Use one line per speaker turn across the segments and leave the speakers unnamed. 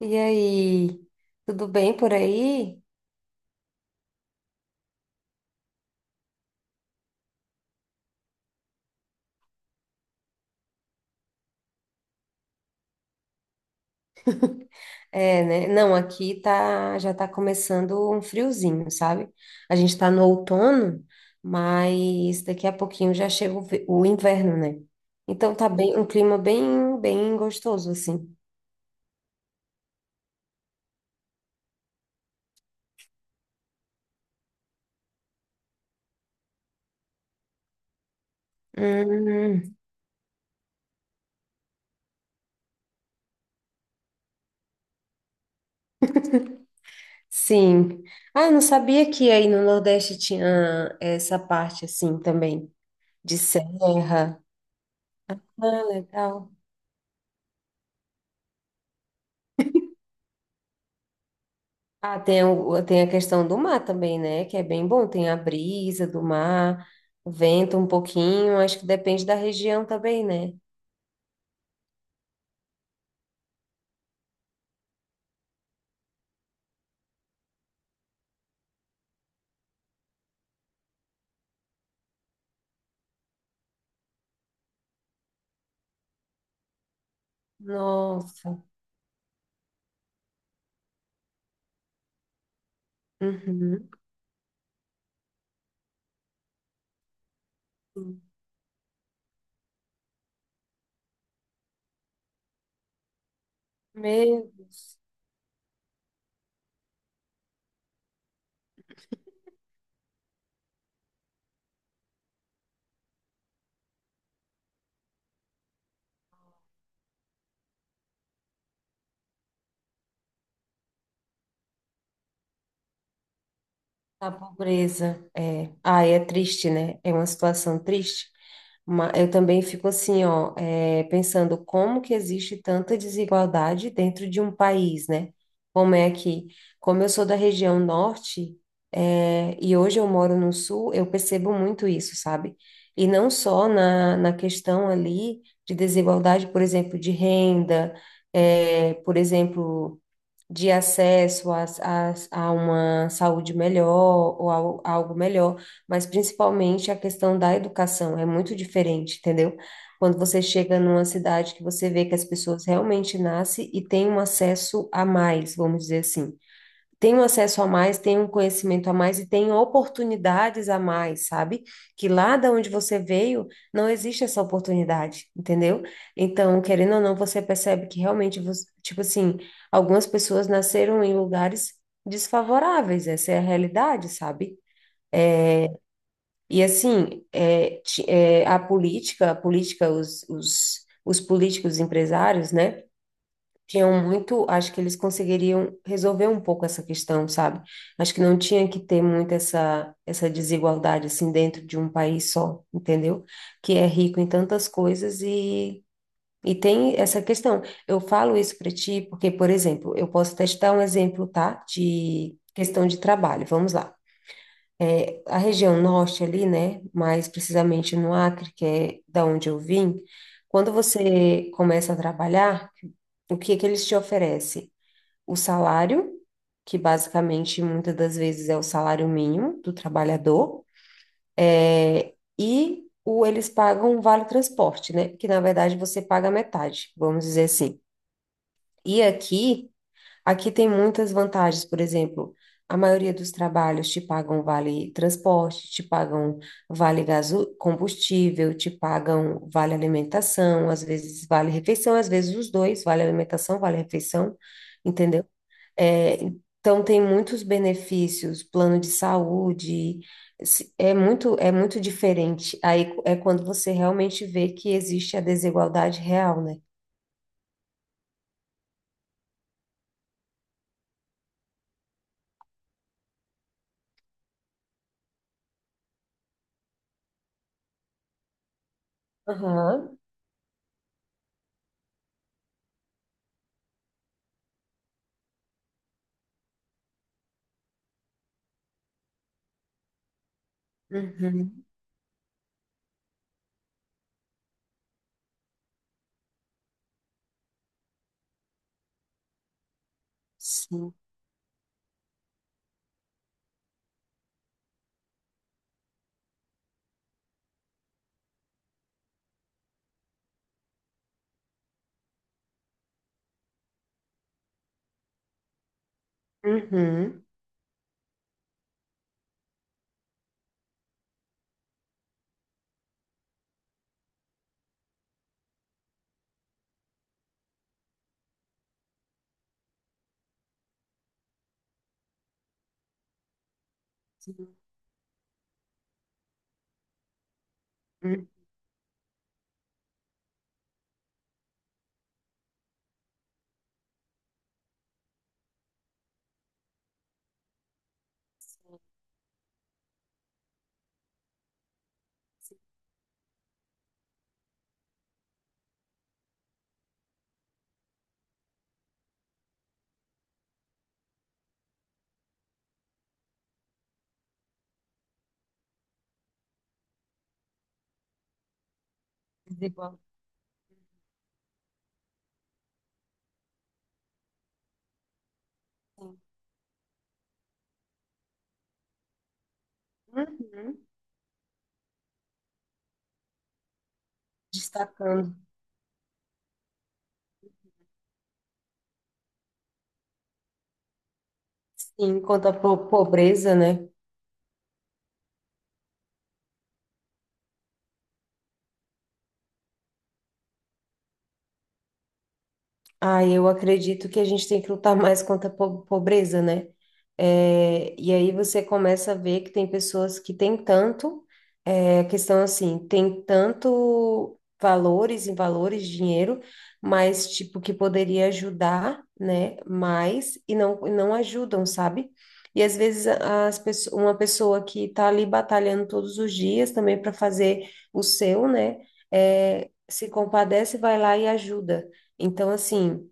E aí, tudo bem por aí? É, né? Não, aqui tá, já tá começando um friozinho, sabe? A gente tá no outono, mas daqui a pouquinho já chega o inverno, né? Então tá bem, um clima bem, bem gostoso, assim. Hum, sim. Ah, eu não sabia que aí no Nordeste tinha essa parte, assim, também, de serra. Ah, legal. Ah, tem, tem a questão do mar também, né? Que é bem bom. Tem a brisa do mar, vento um pouquinho. Acho que depende da região também, né? Nossa. Uhum. Meu Deus. A pobreza. É. Ah, é triste, né? É uma situação triste. Eu também fico assim, ó, pensando como que existe tanta desigualdade dentro de um país, né? Como é que, como eu sou da região norte, e hoje eu moro no sul, eu percebo muito isso, sabe? E não só na questão ali de desigualdade, por exemplo, de renda, por exemplo de acesso a uma saúde melhor ou a algo melhor, mas principalmente a questão da educação é muito diferente, entendeu? Quando você chega numa cidade que você vê que as pessoas realmente nascem e têm um acesso a mais, vamos dizer assim tenho acesso a mais, tenho um conhecimento a mais e tenho oportunidades a mais, sabe? Que lá da onde você veio não existe essa oportunidade, entendeu? Então, querendo ou não, você percebe que realmente, tipo assim, algumas pessoas nasceram em lugares desfavoráveis, essa é a realidade, sabe? E assim, a política, os políticos empresários, né? Tinham muito, acho que eles conseguiriam resolver um pouco essa questão, sabe? Acho que não tinha que ter muito essa desigualdade assim dentro de um país só, entendeu? Que é rico em tantas coisas e tem essa questão. Eu falo isso para ti porque, por exemplo, eu posso até te dar um exemplo, tá? De questão de trabalho. Vamos lá. A região norte ali, né, mais precisamente no Acre, que é da onde eu vim, quando você começa a trabalhar, o que que eles te oferecem? O salário, que basicamente muitas das vezes é o salário mínimo do trabalhador, é e o eles pagam o vale transporte, né? Que na verdade você paga metade, vamos dizer assim. E aqui, aqui tem muitas vantagens, por exemplo, a maioria dos trabalhos te pagam vale transporte, te pagam vale gaso combustível, te pagam vale alimentação, às vezes vale refeição, às vezes os dois, vale alimentação, vale refeição, entendeu? É, então tem muitos benefícios, plano de saúde, é muito diferente. Aí é quando você realmente vê que existe a desigualdade real, né? Aham. Uhum. Sim. Uhum. Sim. Uhum. Desigual. Sim. Uhum. Destacando. Sim, quanto à pobreza, né? Ah, eu acredito que a gente tem que lutar mais contra a pobreza, né? É, e aí você começa a ver que tem pessoas que têm tanto, é, a questão assim, tem tanto valores e valores, dinheiro, mas tipo, que poderia ajudar, né? Mais e não ajudam, sabe? E às vezes uma pessoa que tá ali batalhando todos os dias também para fazer o seu, né? É, se compadece, vai lá e ajuda. Então, assim,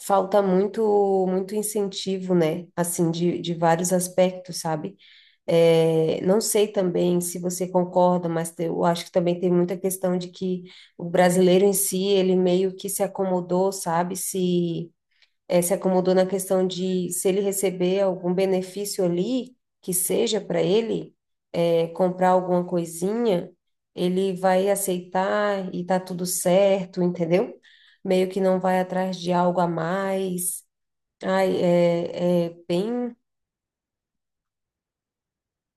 falta muito muito incentivo, né? Assim, de vários aspectos, sabe? É, não sei também se você concorda, mas eu acho que também tem muita questão de que o brasileiro em si, ele meio que se acomodou, sabe? Se acomodou na questão de se ele receber algum benefício ali, que seja para ele, comprar alguma coisinha, ele vai aceitar e tá tudo certo, entendeu? Meio que não vai atrás de algo a mais. Ai, é, é bem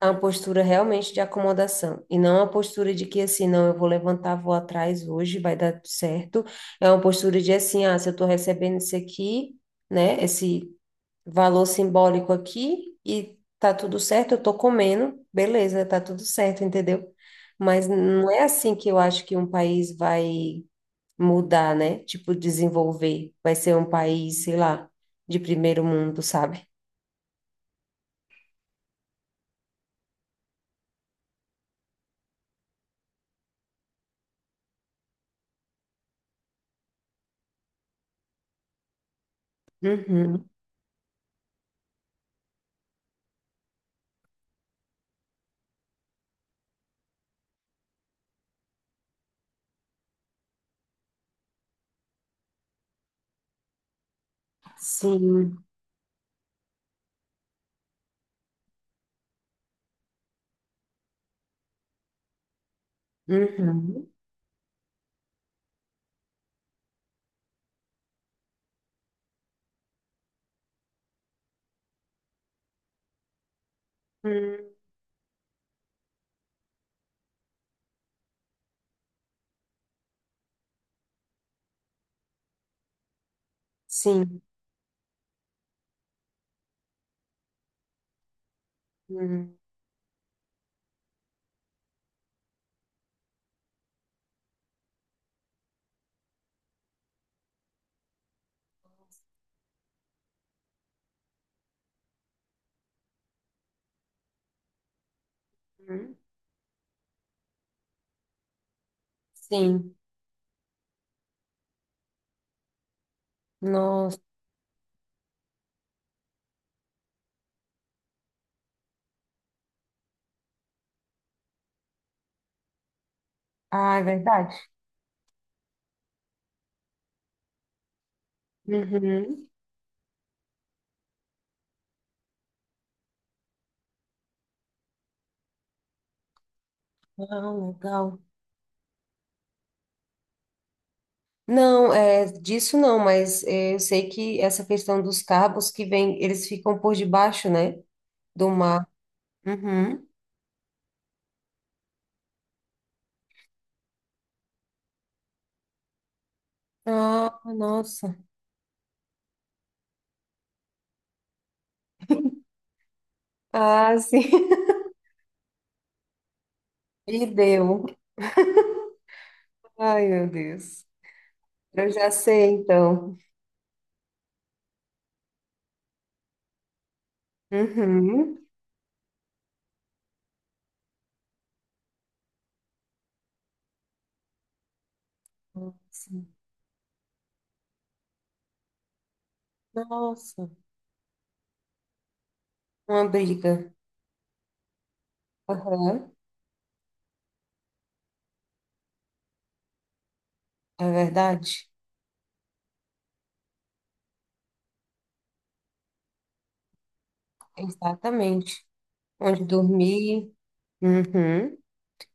uma postura realmente de acomodação. E não uma postura de que assim, não, eu vou levantar, vou atrás hoje, vai dar tudo certo. É uma postura de assim, ah, se eu tô recebendo isso aqui, né? Esse valor simbólico aqui e tá tudo certo, eu tô comendo, beleza, tá tudo certo, entendeu? Mas não é assim que eu acho que um país vai mudar, né? Tipo, desenvolver, vai ser um país, sei lá, de primeiro mundo, sabe? Uhum. Sim. Uhum. Hum. Sim. Uhum. Sim. Nossa. Ah, é verdade. Uhum. Ah, legal. Não, é, disso não, mas é, eu sei que essa questão dos cabos que vem, eles ficam por debaixo, né, do mar. Uhum. Ah, nossa. Ah, sim. E deu. Ai, meu Deus. Eu já sei, então. Uhum. Nossa. Nossa. Uma briga. Aham. É verdade? Exatamente. Onde dormir. Uhum.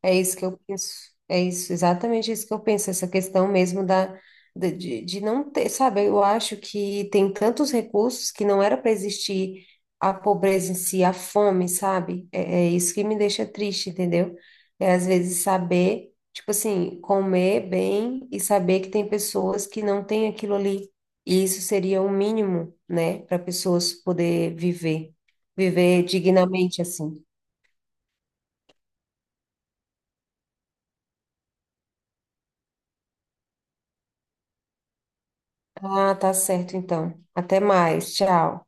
É isso que eu penso. É isso, exatamente isso que eu penso, essa questão mesmo de não ter, sabe? Eu acho que tem tantos recursos que não era para existir a pobreza em si, a fome, sabe? É, é isso que me deixa triste, entendeu? É às vezes saber, tipo assim, comer bem e saber que tem pessoas que não têm aquilo ali. E isso seria o mínimo, né, para pessoas poder viver, viver dignamente assim. Ah, tá certo, então. Até mais. Tchau.